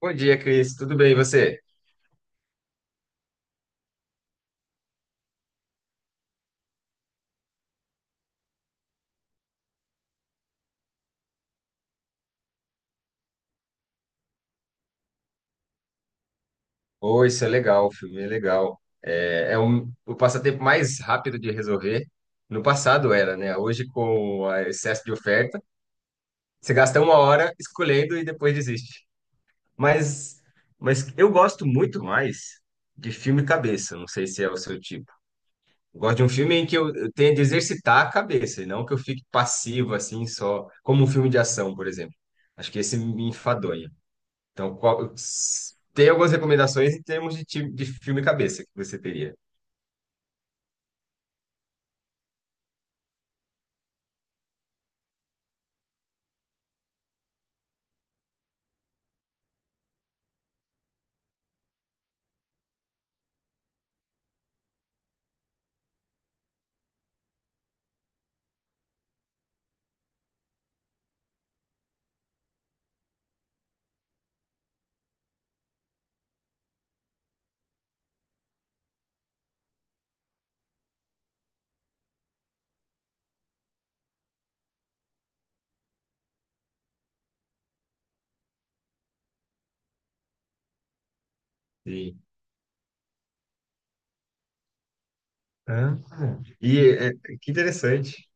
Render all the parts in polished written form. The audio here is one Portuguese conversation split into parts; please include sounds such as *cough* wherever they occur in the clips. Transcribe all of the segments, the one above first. Bom dia, Cris. Tudo bem, e você? Oi, isso é legal, o filme é legal. É, o passatempo mais rápido de resolver. No passado era, né? Hoje, com o excesso de oferta, você gasta uma hora escolhendo e depois desiste. Mas, mas eu gosto muito mais de filme cabeça. Não sei se é o seu tipo. Eu gosto de um filme em que eu tenha de exercitar a cabeça, e não que eu fique passivo, assim, só como um filme de ação, por exemplo. Acho que esse me enfadonha. Então, qual- Tem algumas recomendações em termos de filme cabeça que você teria. Sim. Ah, e é, que interessante.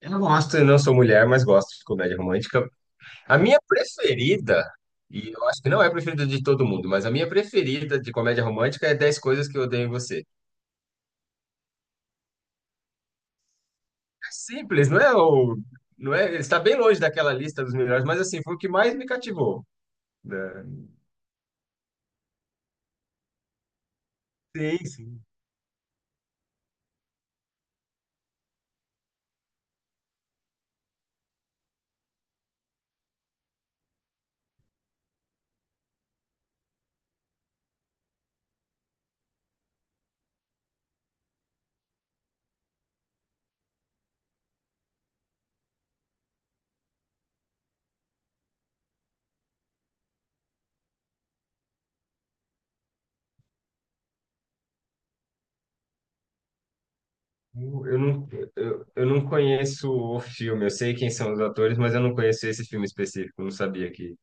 Eu gosto, eu não sou mulher, mas gosto de comédia romântica. A minha preferida, e eu acho que não é a preferida de todo mundo, mas a minha preferida de comédia romântica é 10 Coisas que Eu Odeio em Você. É simples, não é, está bem longe daquela lista dos melhores, mas assim, foi o que mais me cativou, né? Sim, sim. Eu não, eu não conheço o filme, eu sei quem são os atores, mas eu não conheço esse filme específico, não sabia que.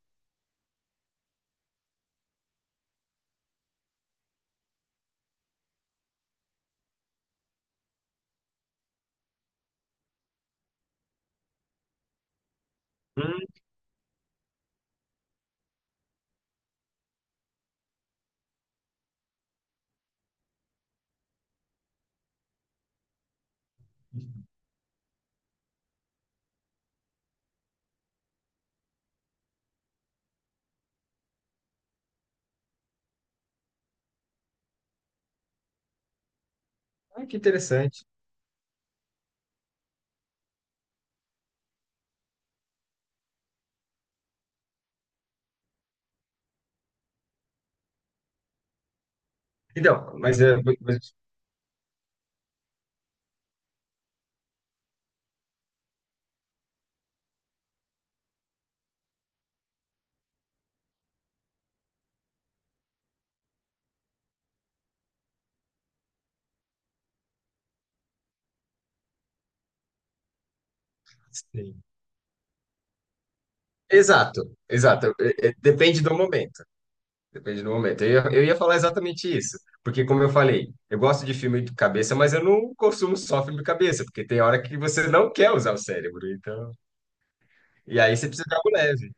Hum, ah, que interessante. Então, mas, é, mas- sim. Exato, exato. Depende do momento. Depende do momento. Eu ia falar exatamente isso, porque como eu falei, eu gosto de filme de cabeça, mas eu não consumo só filme de cabeça, porque tem hora que você não quer usar o cérebro, então. E aí você precisa de algo leve.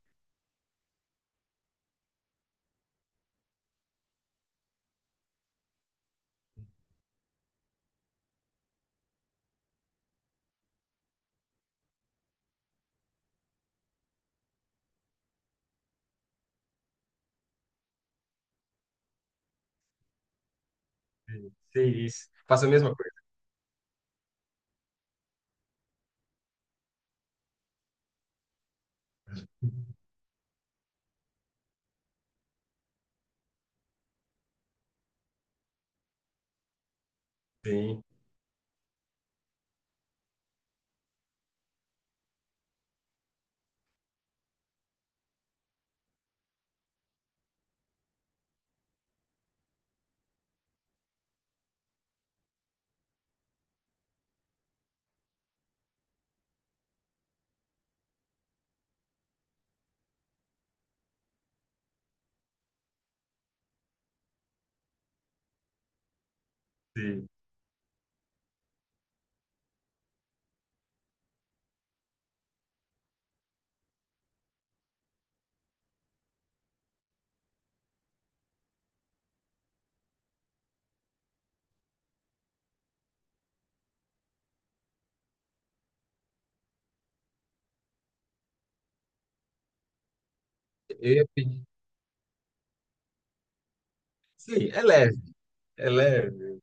Sim, isso. Faço a mesma coisa. Sim, sim. Eu ia pedir. Sim, é leve. É leve,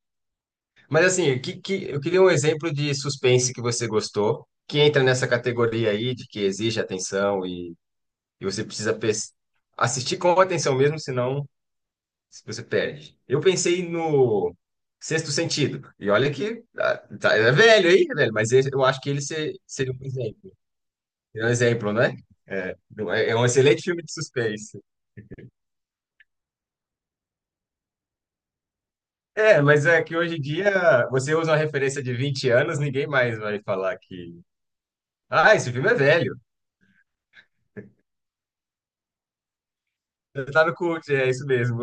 mas assim, o que, eu queria um exemplo de suspense que você gostou, que entra nessa categoria aí de que exige atenção e você precisa assistir com atenção mesmo, senão você perde. Eu pensei no Sexto Sentido, e olha que é velho, mas eu acho que ele seria um exemplo. É um exemplo, né? É, é, um excelente filme de suspense. É, mas é que hoje em dia você usa uma referência de 20 anos, ninguém mais vai falar que. Ah, esse filme é velho. Tá no cult, é isso mesmo.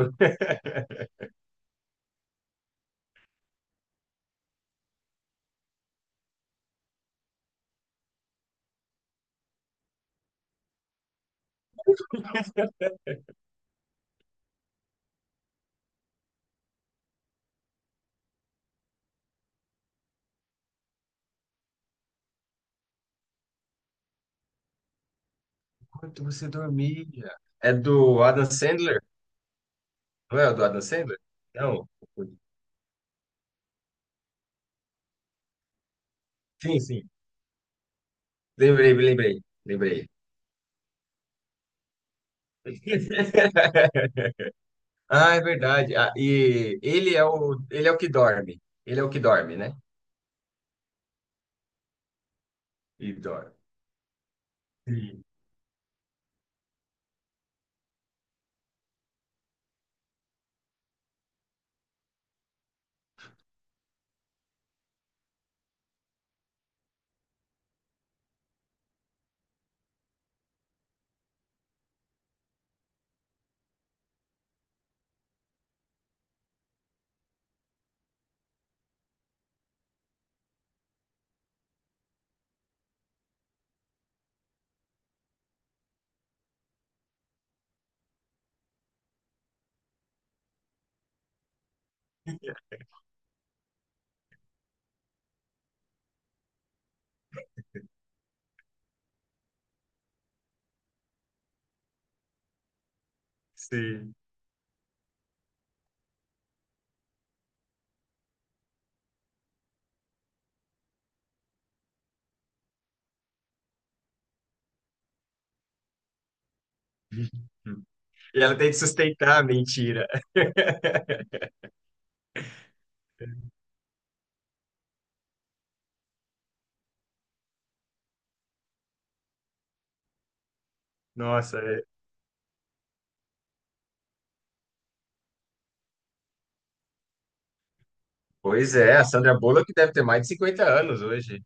Enquanto você dormia. É do Adam Sandler? Não é o do Adam Sandler? Não. Sim, sim. Lembrei, lembrei, lembrei. *laughs* Ah, é verdade. Ah, e ele é o que dorme. Ele é o que dorme, né? E dorme. Sim, sim. E ela tem que sustentar a mentira. *laughs* Nossa, é. Pois é, a Sandra Bullock deve ter mais de 50 anos hoje.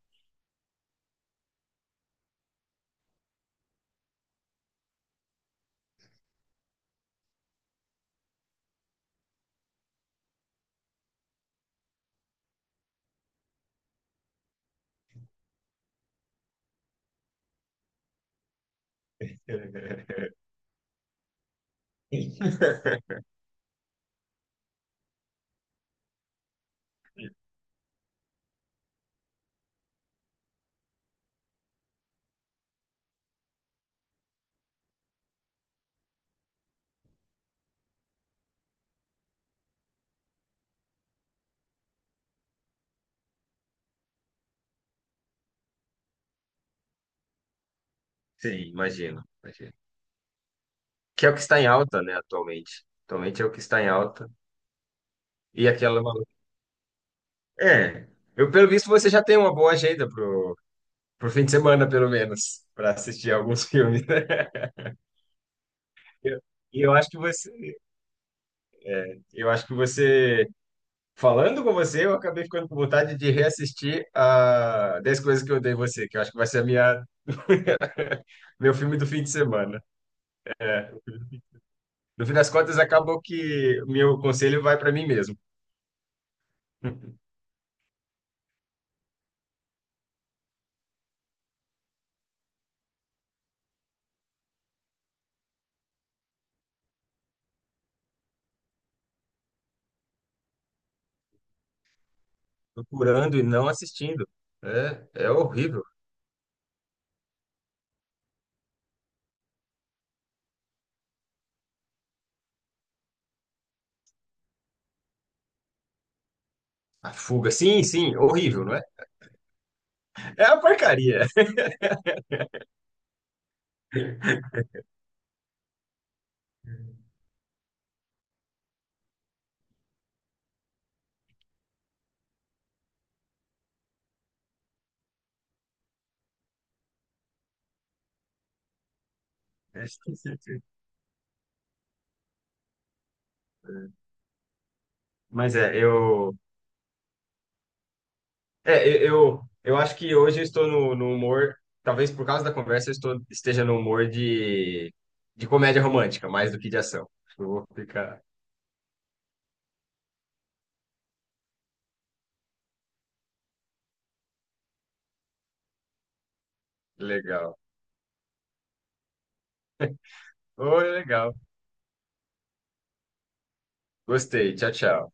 *laughs* Sim, imagino, imagino. Que é o que está em alta, né, atualmente. Atualmente é o que está em alta. E aquela. É, eu pelo visto você já tem uma boa agenda pro fim de semana, pelo menos, para assistir alguns *laughs* filmes, né? Eu- E eu acho que você, falando com você, eu acabei ficando com vontade de reassistir a 10 coisas que eu dei você, que eu acho que vai ser meu filme do fim de semana. No fim das contas, acabou que meu conselho vai para mim mesmo, *laughs* procurando e não assistindo. É, é horrível. A fuga, sim, sim, horrível, não é? É uma porcaria. Mas eu acho que hoje eu estou no humor, talvez por causa da conversa, esteja no humor de comédia romântica, mais do que de ação. Eu vou ficar legal. Oi, legal. Gostei. Tchau, tchau.